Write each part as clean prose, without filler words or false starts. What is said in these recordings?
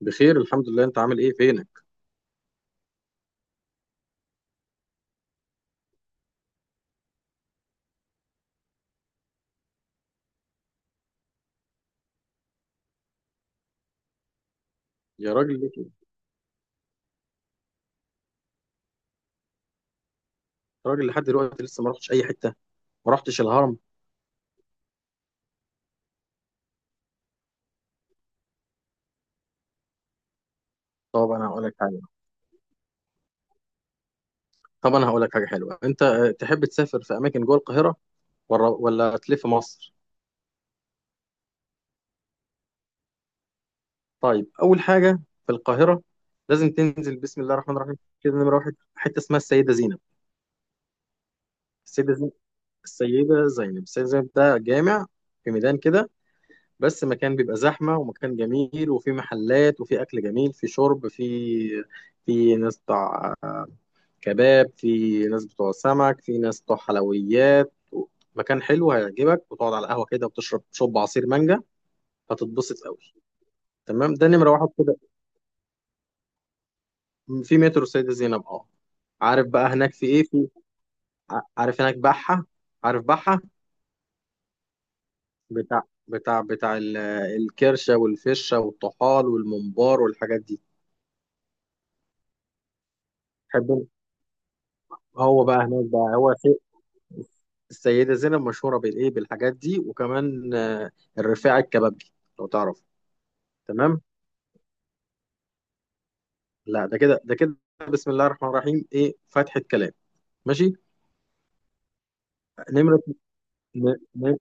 بخير، الحمد لله. انت عامل ايه؟ فينك؟ يا راجل ليه كده؟ يا راجل، لحد دلوقتي لسه ما رحتش اي حته، ما رحتش الهرم. طب انا هقول لك حاجه طب انا هقول لك حاجه حلوه. انت تحب تسافر في اماكن جوه القاهره ولا تلف مصر؟ طيب، اول حاجه في القاهره، لازم تنزل، بسم الله الرحمن الرحيم، كده نمره واحد حته اسمها السيده زينب السيده زينب ده جامع في ميدان كده، بس مكان بيبقى زحمه ومكان جميل، وفي محلات وفي اكل جميل، في شرب، في ناس كباب، في ناس بتوع سمك، في ناس بتوع حلويات. مكان حلو هيعجبك، وتقعد على القهوة كده وتشرب شوب عصير مانجا. هتتبسط قوي. تمام، ده نمرة واحد كده. في مترو سيدة زينب، اه. عارف بقى هناك في ايه؟ في عارف هناك بحة؟ عارف بحة؟ بتاع بتاع الكرشة والفشة والطحال والممبار والحاجات دي. تحب؟ هو بقى هناك بقى، هو في السيدة زينب مشهورة بالايه، بالحاجات دي، وكمان الرفاعي الكبابجي لو تعرف. تمام. لا ده كده، ده كده، بسم الله الرحمن الرحيم، ايه فتحة كلام! ماشي. نمرة ن- ن-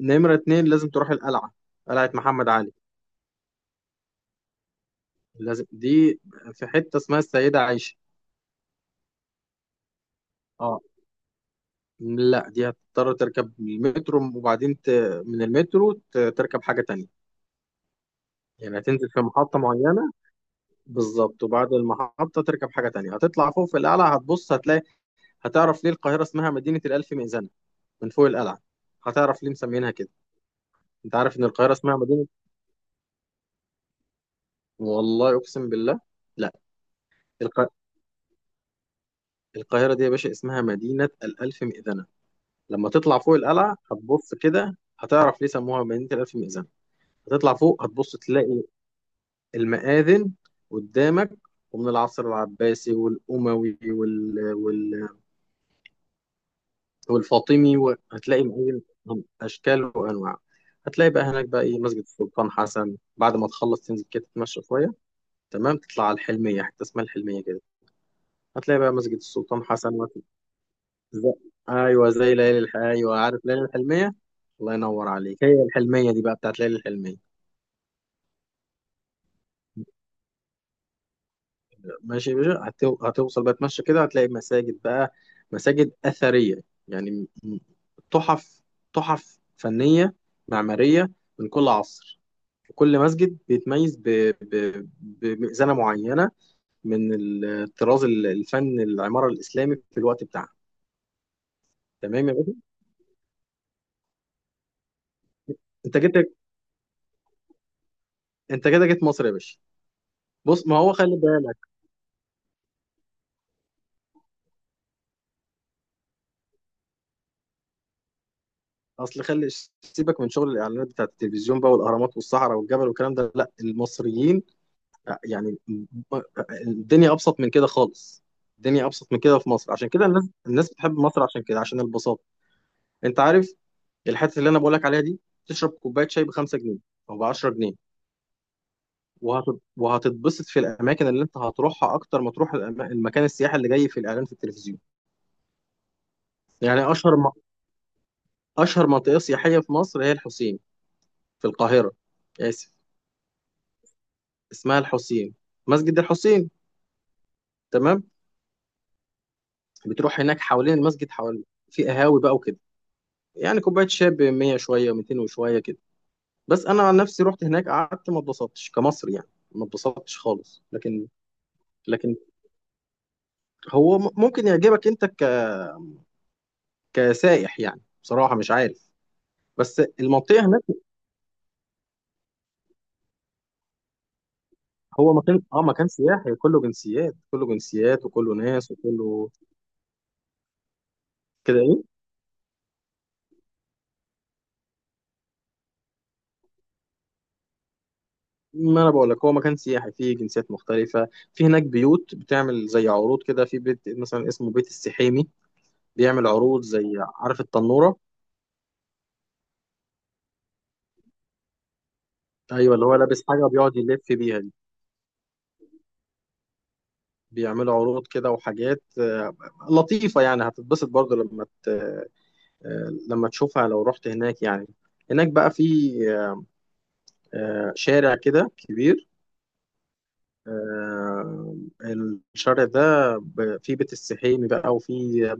نمرة اتنين لازم تروح القلعة، قلعة محمد علي. لازم دي، في حتة اسمها السيدة عائشة. اه. لا، دي هتضطر تركب المترو، وبعدين من المترو تركب حاجة تانية. يعني هتنزل في محطة معينة بالظبط، وبعد المحطة تركب حاجة تانية، هتطلع فوق في القلعة، هتبص هتلاقي، هتعرف ليه القاهرة اسمها مدينة الألف مئذنة. من فوق القلعة هتعرف ليه مسمينها كده. انت عارف ان القاهرة اسمها مدينة؟ والله اقسم بالله، لا الق... القاهره دي يا باشا اسمها مدينه الالف مئذنه. لما تطلع فوق القلعه هتبص كده، هتعرف ليه سموها مدينه الالف مئذنه. هتطلع فوق هتبص، تلاقي المآذن قدامك، ومن العصر العباسي والاموي والفاطمي، وهتلاقي مآذن من اشكال وانواع. هتلاقي بقى هناك بقى ايه، مسجد السلطان حسن. بعد ما تخلص تنزل كده تتمشى شويه. تمام، تطلع على الحلميه، حته اسمها الحلميه كده، هتلاقي بقى مسجد السلطان حسن. زي... ايوه، زي ليالي ايوه، عارف ليالي الحلميه. الله ينور عليك. هي الحلميه دي بقى بتاعت ليالي الحلميه. ماشي يا باشا، هتوصل بقى، تمشي كده هتلاقي مساجد بقى، مساجد اثريه، يعني م- تحف، تحف فنيه معماريه، من كل عصر. وكل مسجد بيتميز بمئذنه معينه، من الطراز الفن العماره الاسلامي في الوقت بتاعها. تمام يا باشا. انت جيت انت كده جيت مصر يا باشا؟ بص، ما هو خلي بالك، اصل خلي سيبك من شغل الاعلانات بتاعت التلفزيون بقى، والاهرامات والصحراء والجبل والكلام ده، لا المصريين يعني. الدنيا ابسط من كده خالص. الدنيا ابسط من كده في مصر، عشان كده الناس بتحب مصر، عشان كده، عشان البساطه. انت عارف، الحته اللي انا بقول لك عليها دي، تشرب كوبايه شاي ب 5 جنيه او ب 10 جنيه، وهتتبسط في الاماكن اللي انت هتروحها اكتر ما تروح المكان السياحي اللي جاي في الاعلان في التلفزيون. يعني اشهر منطقه سياحيه في مصر هي الحسين، في القاهره. اسف، اسمها الحسين، مسجد الحسين. تمام. بتروح هناك حوالين المسجد، حوالين، في قهاوي بقى وكده، يعني كوبايه شاي ب 100 شويه و200 وشويه كده. بس انا عن نفسي رحت هناك قعدت، ما اتبسطتش كمصري يعني، ما اتبسطتش خالص. لكن، لكن هو ممكن يعجبك انت كسائح يعني، بصراحه مش عارف. بس المنطقه هناك، هو مكان، مكان سياحي، كله جنسيات، كله جنسيات، وكله ناس، وكله كده. ما انا بقول لك، هو مكان سياحي فيه جنسيات مختلفه. في هناك بيوت بتعمل زي عروض كده، في بيت مثلا اسمه بيت السحيمي، بيعمل عروض، زي عارف التنوره؟ ايوه، اللي هو لابس حاجه وبيقعد يلف بيها دي. بيعملوا عروض كده وحاجات لطيفه يعني، هتتبسط برضه لما ت... آه، لما تشوفها لو رحت هناك يعني. هناك بقى في شارع كده كبير، آه، الشارع ده فيه بيت السحيمي بقى، وفيه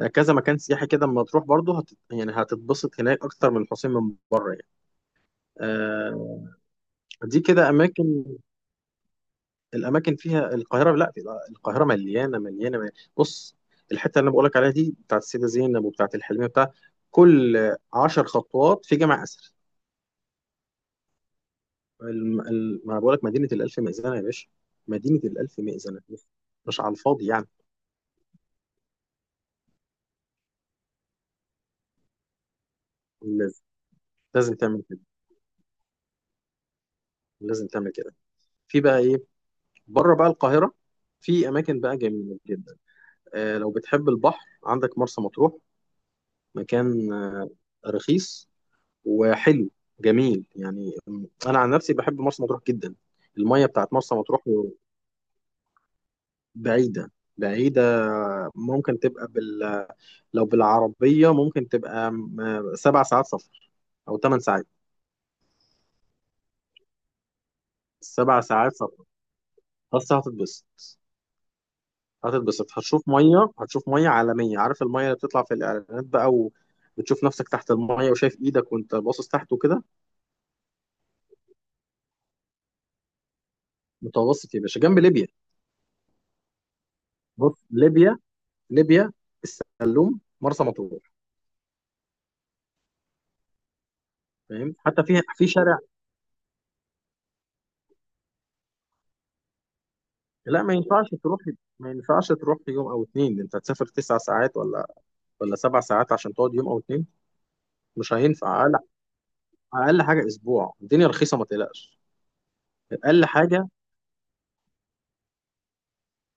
كذا مكان سياحي كده، اما تروح برضه يعني هتتبسط هناك اكتر من الحسين من بره يعني. آه دي كده اماكن، الاماكن فيها القاهره، لا القاهره مليانه، مليانه، مليانة. بص، الحته اللي انا بقولك عليها دي بتاعت السيده زينب وبتاعت الحلميه، بتاع، كل 10 خطوات في جامع اثري. ما بقولك مدينه الالف مئذنه يا باشا. مدينه الالف مئذنه، مش على الفاضي يعني. لازم لازم تعمل كده، لازم تعمل كده. في بقى ايه بره بقى القاهره، في اماكن بقى جميله جدا. لو بتحب البحر، عندك مرسى مطروح. مكان رخيص وحلو، جميل يعني. انا عن نفسي بحب مرسى مطروح جدا، المية بتاعت مرسى مطروح. بعيدة، بعيدة. ممكن تبقى لو بالعربية ممكن تبقى 7 ساعات سفر، أو 8 ساعات. 7 ساعات سفر، بس هتتبسط هتشوف مية، هتشوف مية عالمية، عارف المية اللي بتطلع في الإعلانات بقى، وبتشوف نفسك تحت المية، وشايف إيدك وأنت باصص تحت وكده. متوسط يا باشا، جنب ليبيا. بص، ليبيا، ليبيا، السلوم، مرسى مطروح. فاهم؟ حتى في شارع. لا ما ينفعش تروح، ما ينفعش تروح يوم او اتنين. انت هتسافر 9 ساعات ولا 7 ساعات عشان تقعد يوم او اتنين؟ مش هينفع اقل. اقل حاجه اسبوع، الدنيا رخيصه، ما تقلقش. اقل حاجه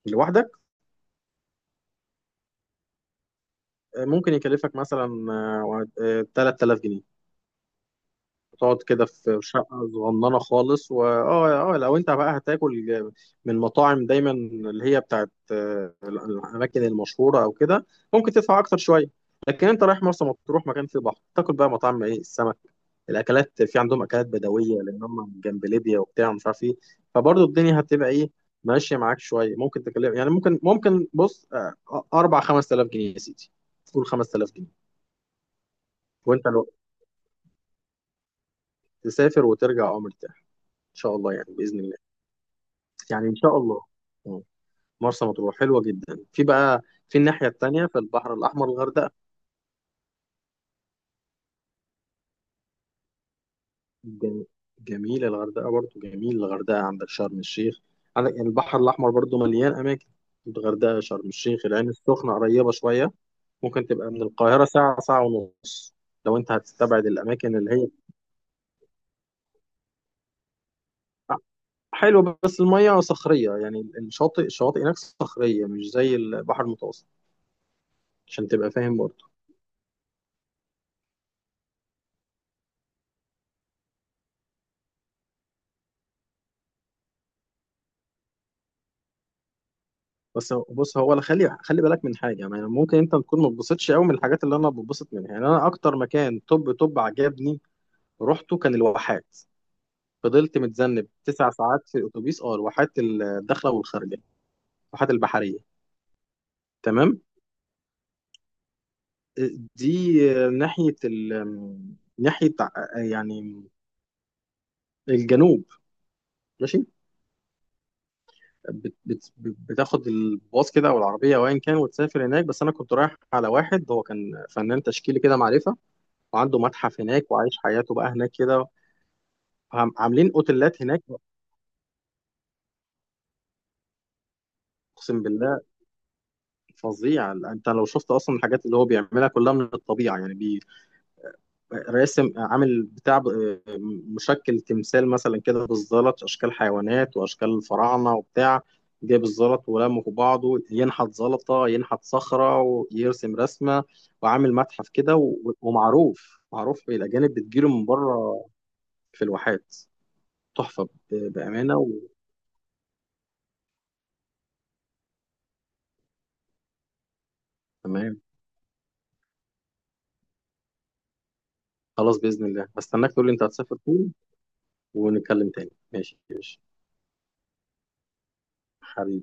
لوحدك ممكن يكلفك مثلا، 3000 جنيه. تقعد كده في شقة صغننة خالص. واه اه آه، لو انت بقى هتاكل من مطاعم دايما، اللي هي بتاعت الأماكن المشهورة أو كده، ممكن تدفع أكتر شوية. لكن انت رايح مرسى مطروح، مكان فيه بحر، تاكل بقى مطاعم ايه، السمك، الأكلات. في عندهم أكلات بدوية لأن هم جنب ليبيا وبتاع، ومش عارف ايه. فبرضه الدنيا هتبقى ايه، ماشية معاك شوية، ممكن تكلم يعني، ممكن بص، أربع خمس آلاف جنيه يا سيدي. قول 5000 جنيه. وأنت لو تسافر وترجع أمر مرتاح، إن شاء الله يعني، بإذن الله، يعني ان شاء الله. مم. مرسى مطروح حلوه جدا. في بقى في الناحيه التانيه في البحر الاحمر الغردقه. جم- جميله الغردقه برضو، جميل الغردقه، عندك شرم الشيخ، عندك يعني البحر الاحمر برضو مليان اماكن، الغردقه، شرم الشيخ. العين السخنه قريبه شويه. ممكن تبقى من القاهره ساعه، ساعه ونص، لو انت هتستبعد الاماكن اللي هي حلوه. بس الميه صخريه يعني، الشواطئ هناك صخريه، مش زي البحر المتوسط، عشان تبقى فاهم برضو. بس بص، هو انا خلي بالك من حاجه يعني، ممكن انت تكون ما تبسطش قوي من الحاجات اللي انا بتبسط منها. يعني انا اكتر مكان طب عجبني رحته كان الواحات. فضلت متذنب 9 ساعات في الاتوبيس، الواحات الداخله والخارجه، الواحات البحريه. تمام. آه، دي ناحيه ال ناحيه يعني الجنوب. ماشي. بتاخد الباص كده او العربيه او ايا كان وتسافر هناك. بس انا كنت رايح على واحد، هو كان فنان تشكيلي كده، معرفه، وعنده متحف هناك، وعايش حياته بقى هناك كده. عاملين اوتيلات هناك. اقسم بالله فظيع. انت لو شفت اصلا الحاجات اللي هو بيعملها كلها من الطبيعه، يعني راسم، عامل بتاع، مشكل تمثال مثلا كده بالزلط، اشكال حيوانات واشكال الفراعنه وبتاع. جايب الزلط ولمه في بعضه، ينحت زلطه، ينحت صخره، ويرسم رسمه. وعامل متحف كده، ومعروف، معروف، الاجانب بتجيله من بره، في الواحات. تحفه بامانه تمام. خلاص، بإذن الله هستناك تقول لي انت هتسافر فين، ونتكلم تاني. ماشي، ماشي حبيبي.